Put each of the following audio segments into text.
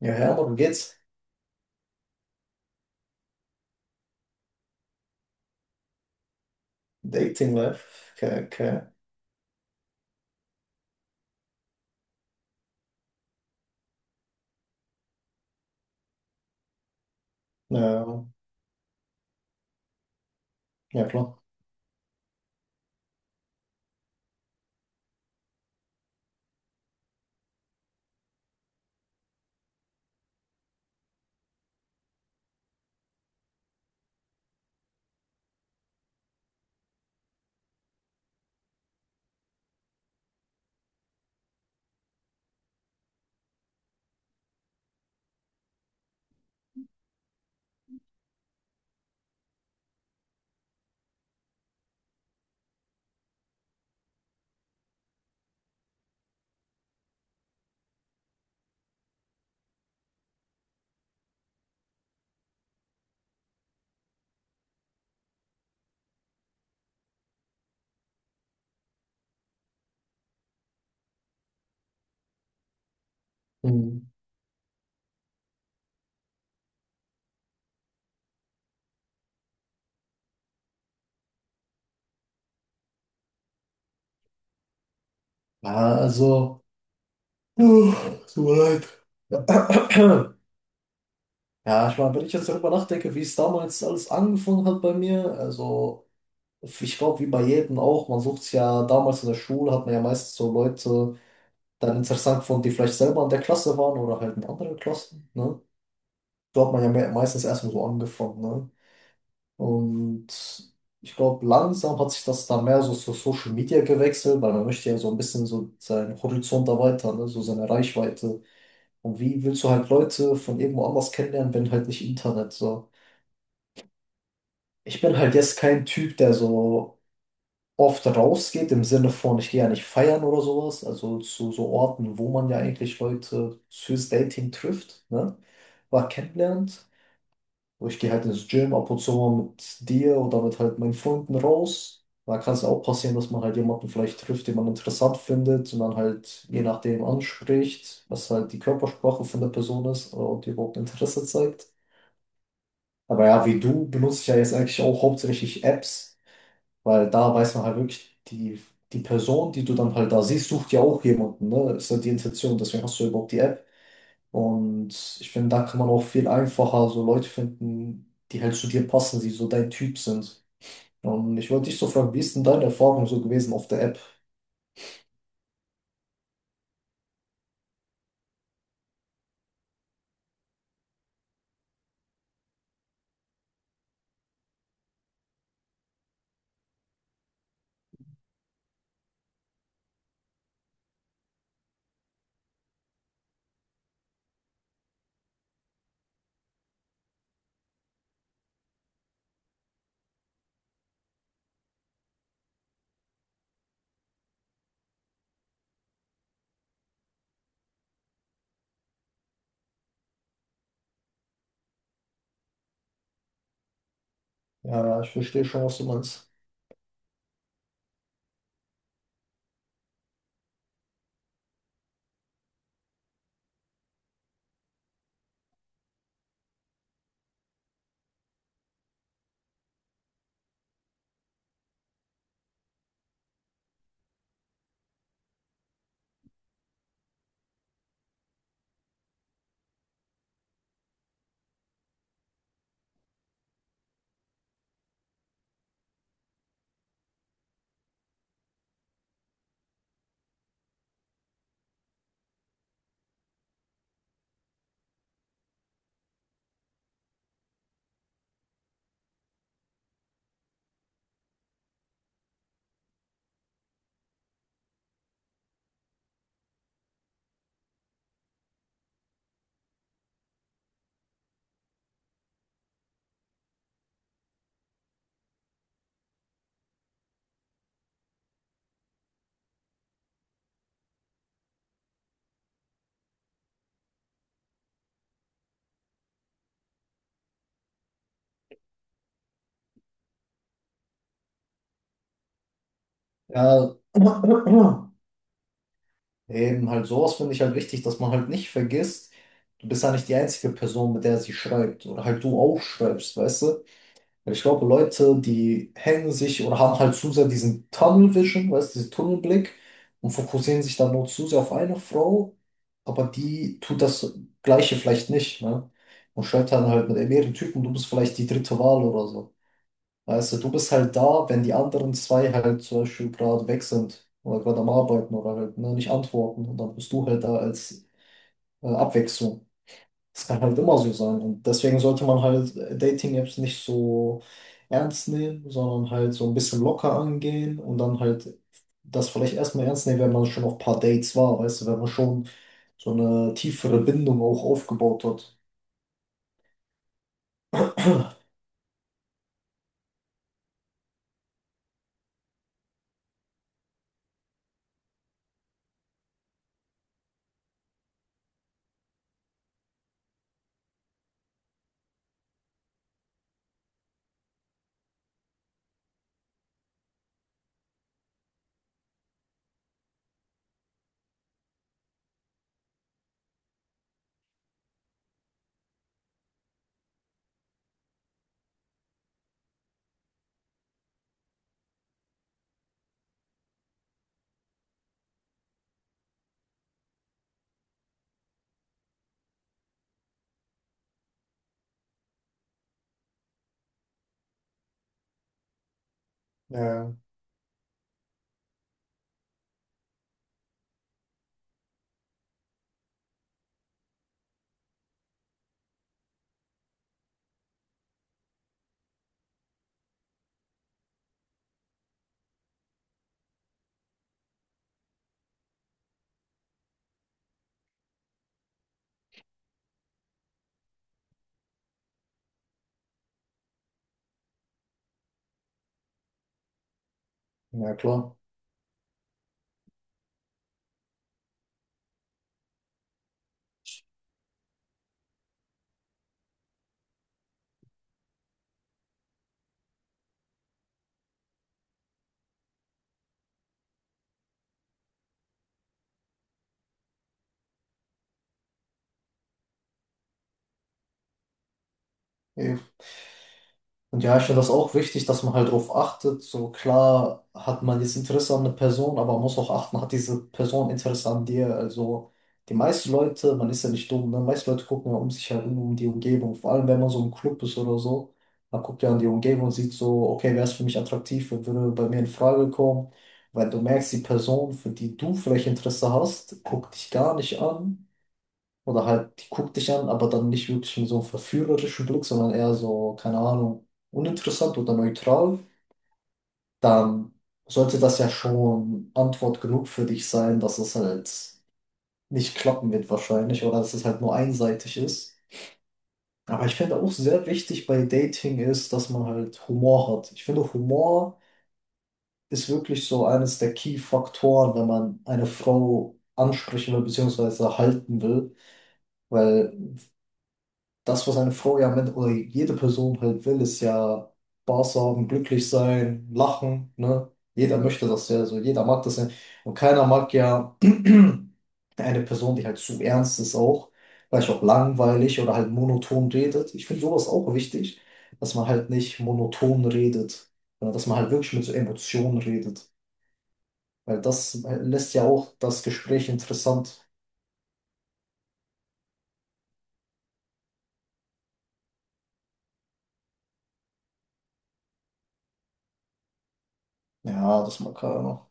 Ja, ja, darum geht's. Dating Life. Okay, okay. Ja, ja klar. Hm. Ja, also. Uh, tut mir leid. Ja, ich meine, wenn ich jetzt darüber nachdenke, wie es damals alles angefangen hat bei mir, also ich glaube, wie bei jedem auch, man sucht sich ja damals in der Schule, hat man ja meistens so Leute dann interessant gefunden, die vielleicht selber in der Klasse waren oder halt in anderen Klassen, ne? So hat man ja meistens erstmal so angefangen, ne? Und ich glaube, langsam hat sich das dann mehr so zu Social Media gewechselt, weil man möchte ja so ein bisschen so seinen Horizont erweitern, ne? So seine Reichweite. Und wie willst du halt Leute von irgendwo anders kennenlernen, wenn halt nicht Internet so? Ich bin halt jetzt kein Typ, der so oft rausgeht, im Sinne von, ich gehe ja nicht feiern oder sowas, also zu so Orten, wo man ja eigentlich Leute fürs Dating trifft, ne? War kennenlernt. Und ich gehe halt ins Gym ab und zu mal mit dir oder mit halt meinen Freunden raus. Da kann es auch passieren, dass man halt jemanden vielleicht trifft, den man interessant findet und dann halt je nachdem anspricht, was halt die Körpersprache von der Person ist und die überhaupt Interesse zeigt. Aber ja, wie du benutze ich ja jetzt eigentlich auch hauptsächlich Apps, weil da weiß man halt wirklich, die Person, die du dann halt da siehst, sucht ja auch jemanden, ne? Ist ja die Intention, deswegen hast du überhaupt die App. Und ich finde, da kann man auch viel einfacher so Leute finden, die halt zu dir passen, die so dein Typ sind. Und ich wollte dich so fragen, wie ist denn deine Erfahrung so gewesen auf der App? Ja, ich verstehe schon, was du meinst. Ja, eben halt sowas finde ich halt wichtig, dass man halt nicht vergisst, du bist ja nicht die einzige Person, mit der sie schreibt oder halt du auch schreibst, weißt du? Ich glaube, Leute, die hängen sich oder haben halt zu sehr diesen Tunnel Vision, weißt du, diesen Tunnelblick und fokussieren sich dann nur zu sehr auf eine Frau, aber die tut das Gleiche vielleicht nicht, ne? Und schreibt dann halt mit mehreren Typen, du bist vielleicht die dritte Wahl oder so. Weißt du, du bist halt da, wenn die anderen zwei halt zum Beispiel gerade weg sind oder gerade am Arbeiten oder halt, ne, nicht antworten und dann bist du halt da als Abwechslung. Das kann halt immer so sein. Und deswegen sollte man halt Dating-Apps nicht so ernst nehmen, sondern halt so ein bisschen locker angehen und dann halt das vielleicht erstmal ernst nehmen, wenn man schon auf ein paar Dates war, weißt du, wenn man schon so eine tiefere Bindung auch aufgebaut hat. Ja, ja, klar. Ja. Und ja, ich finde das auch wichtig, dass man halt darauf achtet. So klar hat man jetzt Interesse an einer Person, aber man muss auch achten, hat diese Person Interesse an dir. Also die meisten Leute, man ist ja nicht dumm, ne? Meiste Leute gucken ja um sich herum, um die Umgebung. Vor allem, wenn man so im Club ist oder so, man guckt ja an die Umgebung und sieht so, okay, wer ist für mich attraktiv, wer würde bei mir in Frage kommen. Weil du merkst, die Person, für die du vielleicht Interesse hast, guckt dich gar nicht an. Oder halt, die guckt dich an, aber dann nicht wirklich mit so einem verführerischen Blick, sondern eher so, keine Ahnung, uninteressant oder neutral, dann sollte das ja schon Antwort genug für dich sein, dass es halt nicht klappen wird wahrscheinlich oder dass es halt nur einseitig ist. Aber ich finde auch sehr wichtig bei Dating ist, dass man halt Humor hat. Ich finde, Humor ist wirklich so eines der Key-Faktoren, wenn man eine Frau ansprechen will, beziehungsweise halten will, weil das, was eine Frau ja mit, oder jede Person halt will, ist ja Spaß haben, glücklich sein, lachen, ne? Jeder möchte das ja, so jeder mag das ja. Und keiner mag ja eine Person, die halt zu ernst ist auch, vielleicht auch langweilig oder halt monoton redet. Ich finde sowas auch wichtig, dass man halt nicht monoton redet, sondern dass man halt wirklich mit so Emotionen redet. Weil das lässt ja auch das Gespräch interessant. Ja, das mag keiner.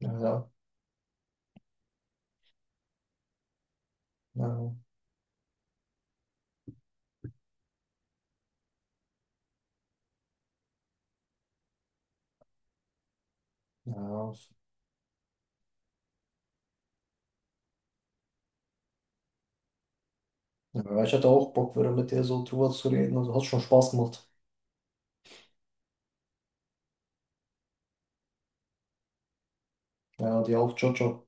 Ja, ja, ja, ja. Ja. Ja, ich hatte auch Bock, wieder mit dir so drüber zu reden. Also hat schon Spaß gemacht. Ja, dir auch. Ciao, ciao.